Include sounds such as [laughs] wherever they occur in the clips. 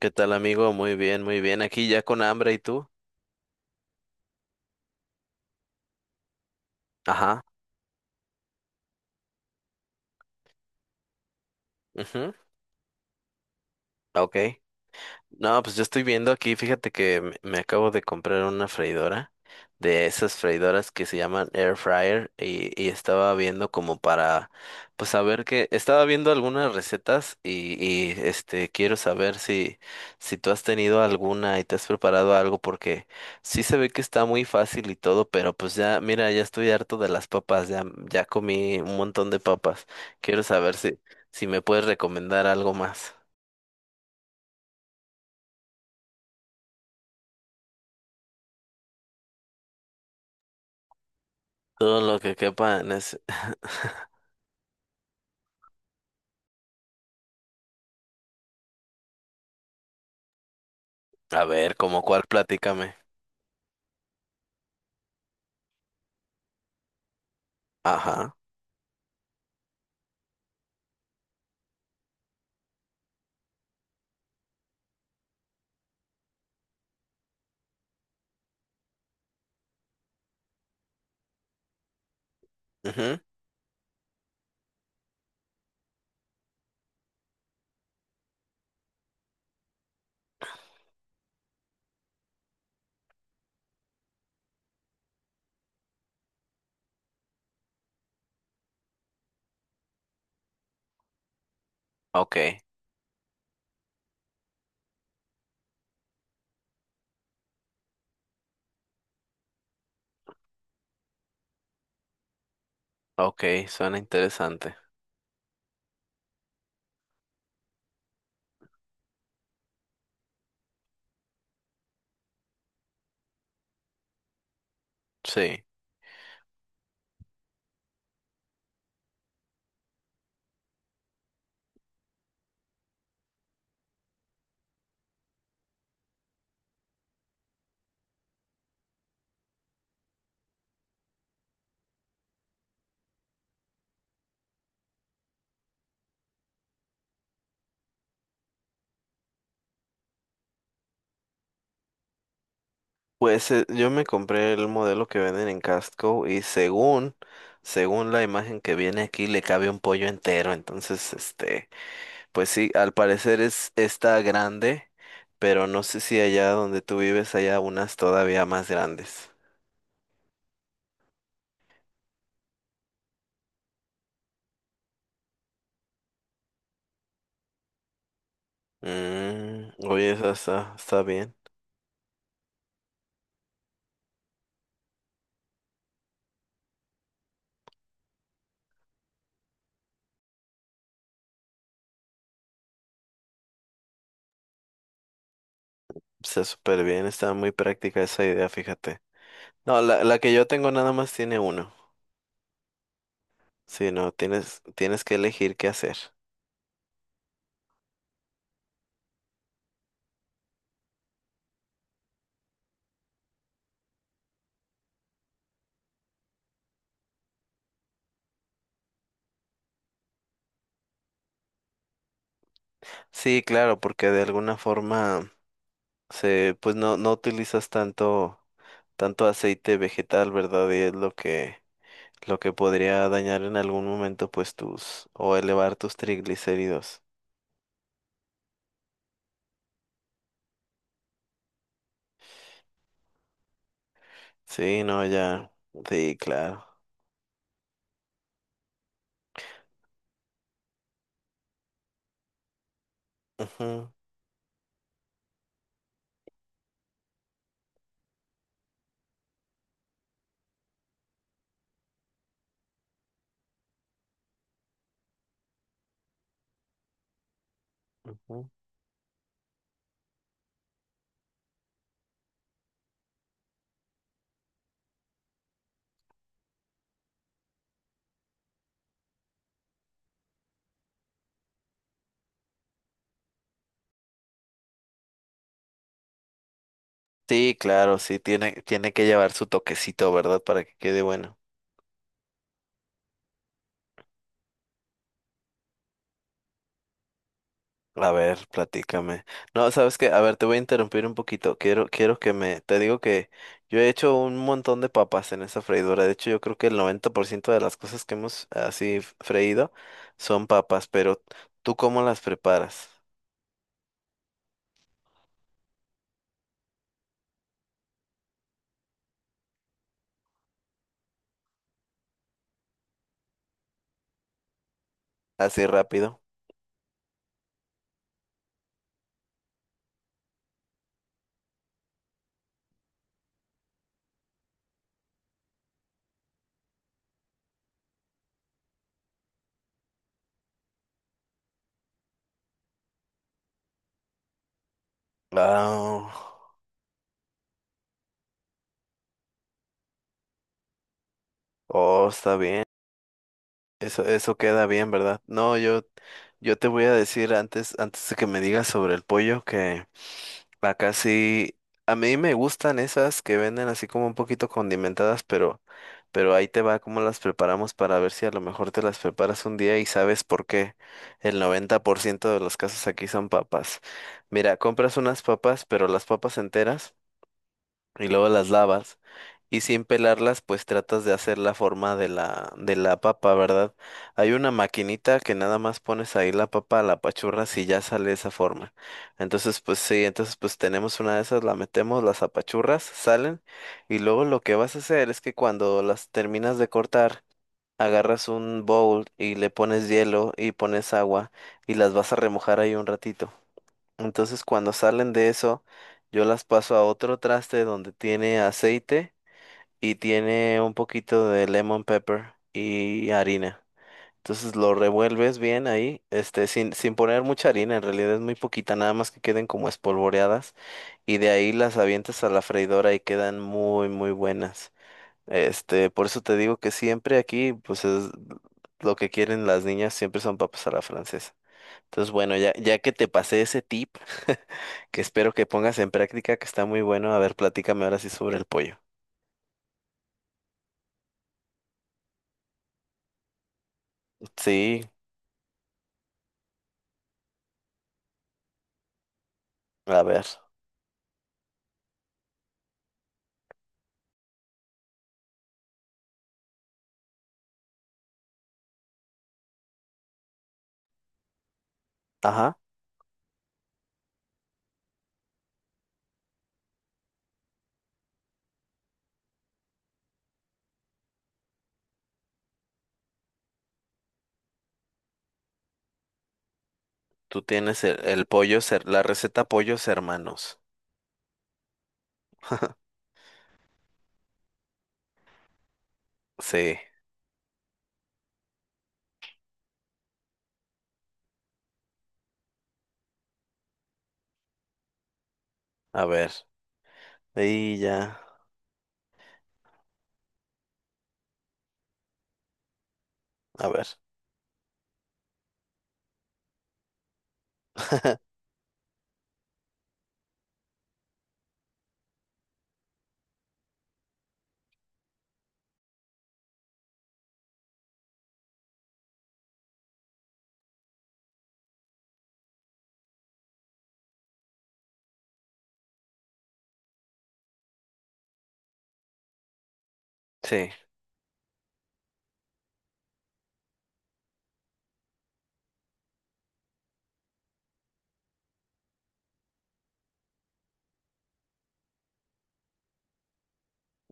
¿Qué tal, amigo? Muy bien, muy bien. Aquí ya con hambre, ¿y tú? Ajá. ujú, Ok. No, pues yo estoy viendo aquí, fíjate que me acabo de comprar una freidora de esas freidoras que se llaman air fryer y estaba viendo como para, pues saber que, estaba viendo algunas recetas quiero saber si, tú has tenido alguna y te has preparado algo porque sí se ve que está muy fácil y todo, pero pues ya, mira, ya estoy harto de las papas, ya comí un montón de papas. Quiero saber si me puedes recomendar algo más. Todo lo que quepa en ese. [laughs] A ver, ¿como cuál? Platícame. Ajá. ujú, Ok. Ok, suena interesante. Sí. Pues yo me compré el modelo que venden en Costco y según la imagen que viene aquí, le cabe un pollo entero. Entonces, pues sí, al parecer está grande, pero no sé si allá donde tú vives haya unas todavía más grandes. Oye, esa está bien. Está súper bien, está muy práctica esa idea, fíjate. No, la que yo tengo nada más tiene uno. Sí, no, tienes que elegir qué hacer. Sí, claro, porque de alguna forma pues no utilizas tanto aceite vegetal, ¿verdad? Y es lo que podría dañar en algún momento, pues tus, o elevar tus triglicéridos. Sí, no, ya. Sí, claro. Ujú, ujú. Sí, claro, sí, tiene que llevar su toquecito, ¿verdad? Para que quede bueno. A ver, platícame. No, sabes qué, a ver, te voy a interrumpir un poquito. Quiero te digo que yo he hecho un montón de papas en esa freidora. De hecho, yo creo que el 90% de las cosas que hemos así freído son papas, pero ¿tú cómo las preparas? Así rápido. Ah, oh, está bien. Eso queda bien, ¿verdad? No, yo te voy a decir antes de que me digas sobre el pollo que acá sí, a mí me gustan esas que venden así como un poquito condimentadas, pero ahí te va cómo las preparamos para ver si a lo mejor te las preparas un día y sabes por qué. El 90% de los casos aquí son papas. Mira, compras unas papas, pero las papas enteras y luego las lavas. Y sin pelarlas, pues tratas de hacer la forma de la papa, ¿verdad? Hay una maquinita que nada más pones ahí la papa, la apachurras y ya sale esa forma. Entonces, pues sí, entonces pues tenemos una de esas, la metemos, las apachurras, salen. Y luego lo que vas a hacer es que cuando las terminas de cortar, agarras un bowl y le pones hielo y pones agua y las vas a remojar ahí un ratito. Entonces, cuando salen de eso, yo las paso a otro traste donde tiene aceite y tiene un poquito de lemon pepper y harina. Entonces lo revuelves bien ahí, este, sin poner mucha harina, en realidad es muy poquita, nada más que queden como espolvoreadas y de ahí las avientas a la freidora y quedan muy, muy buenas. Por eso te digo que siempre aquí, pues es lo que quieren las niñas, siempre son papas a la francesa. Entonces, bueno, ya, ya que te pasé ese tip, [laughs] que espero que pongas en práctica, que está muy bueno, a ver, platícame ahora sí sobre el pollo. Sí, a ver. Ajá. Tú tienes el pollo, la receta pollos hermanos. Sí, a ver. Y ya, a ver. [laughs] Sí.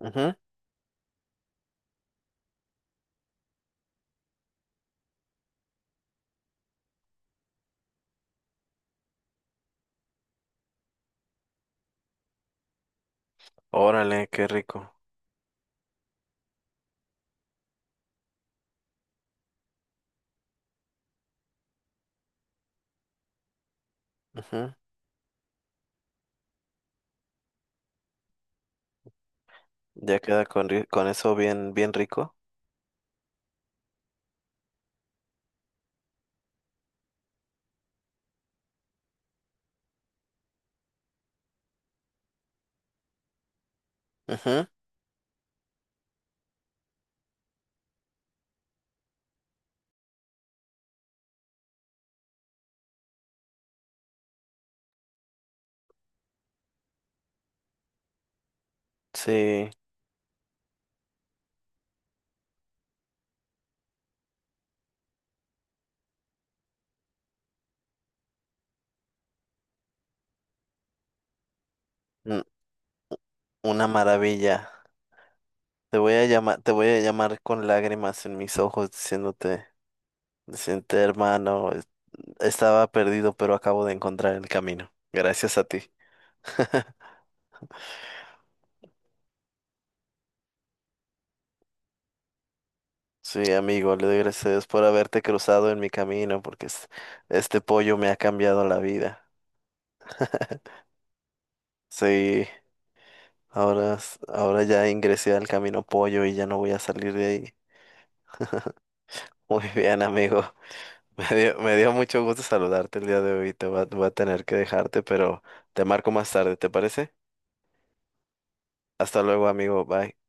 Ujú. Órale, qué rico. Ujú. Ya queda con, con eso bien, bien rico. Ujú. Sí, n- una maravilla. Te voy a llamar, te voy a llamar con lágrimas en mis ojos diciéndote, diciéndote, hermano, estaba perdido, pero acabo de encontrar el camino. Gracias a ti. [laughs] Sí, amigo, le doy gracias a Dios por haberte cruzado en mi camino, porque este pollo me ha cambiado la vida. [laughs] Sí, ahora, ahora ya ingresé al camino pollo y ya no voy a salir de ahí. [laughs] Muy bien, amigo. [laughs] Me dio mucho gusto saludarte el día de hoy. Te voy a tener que dejarte, pero te marco más tarde, ¿te parece? Hasta luego, amigo. Bye.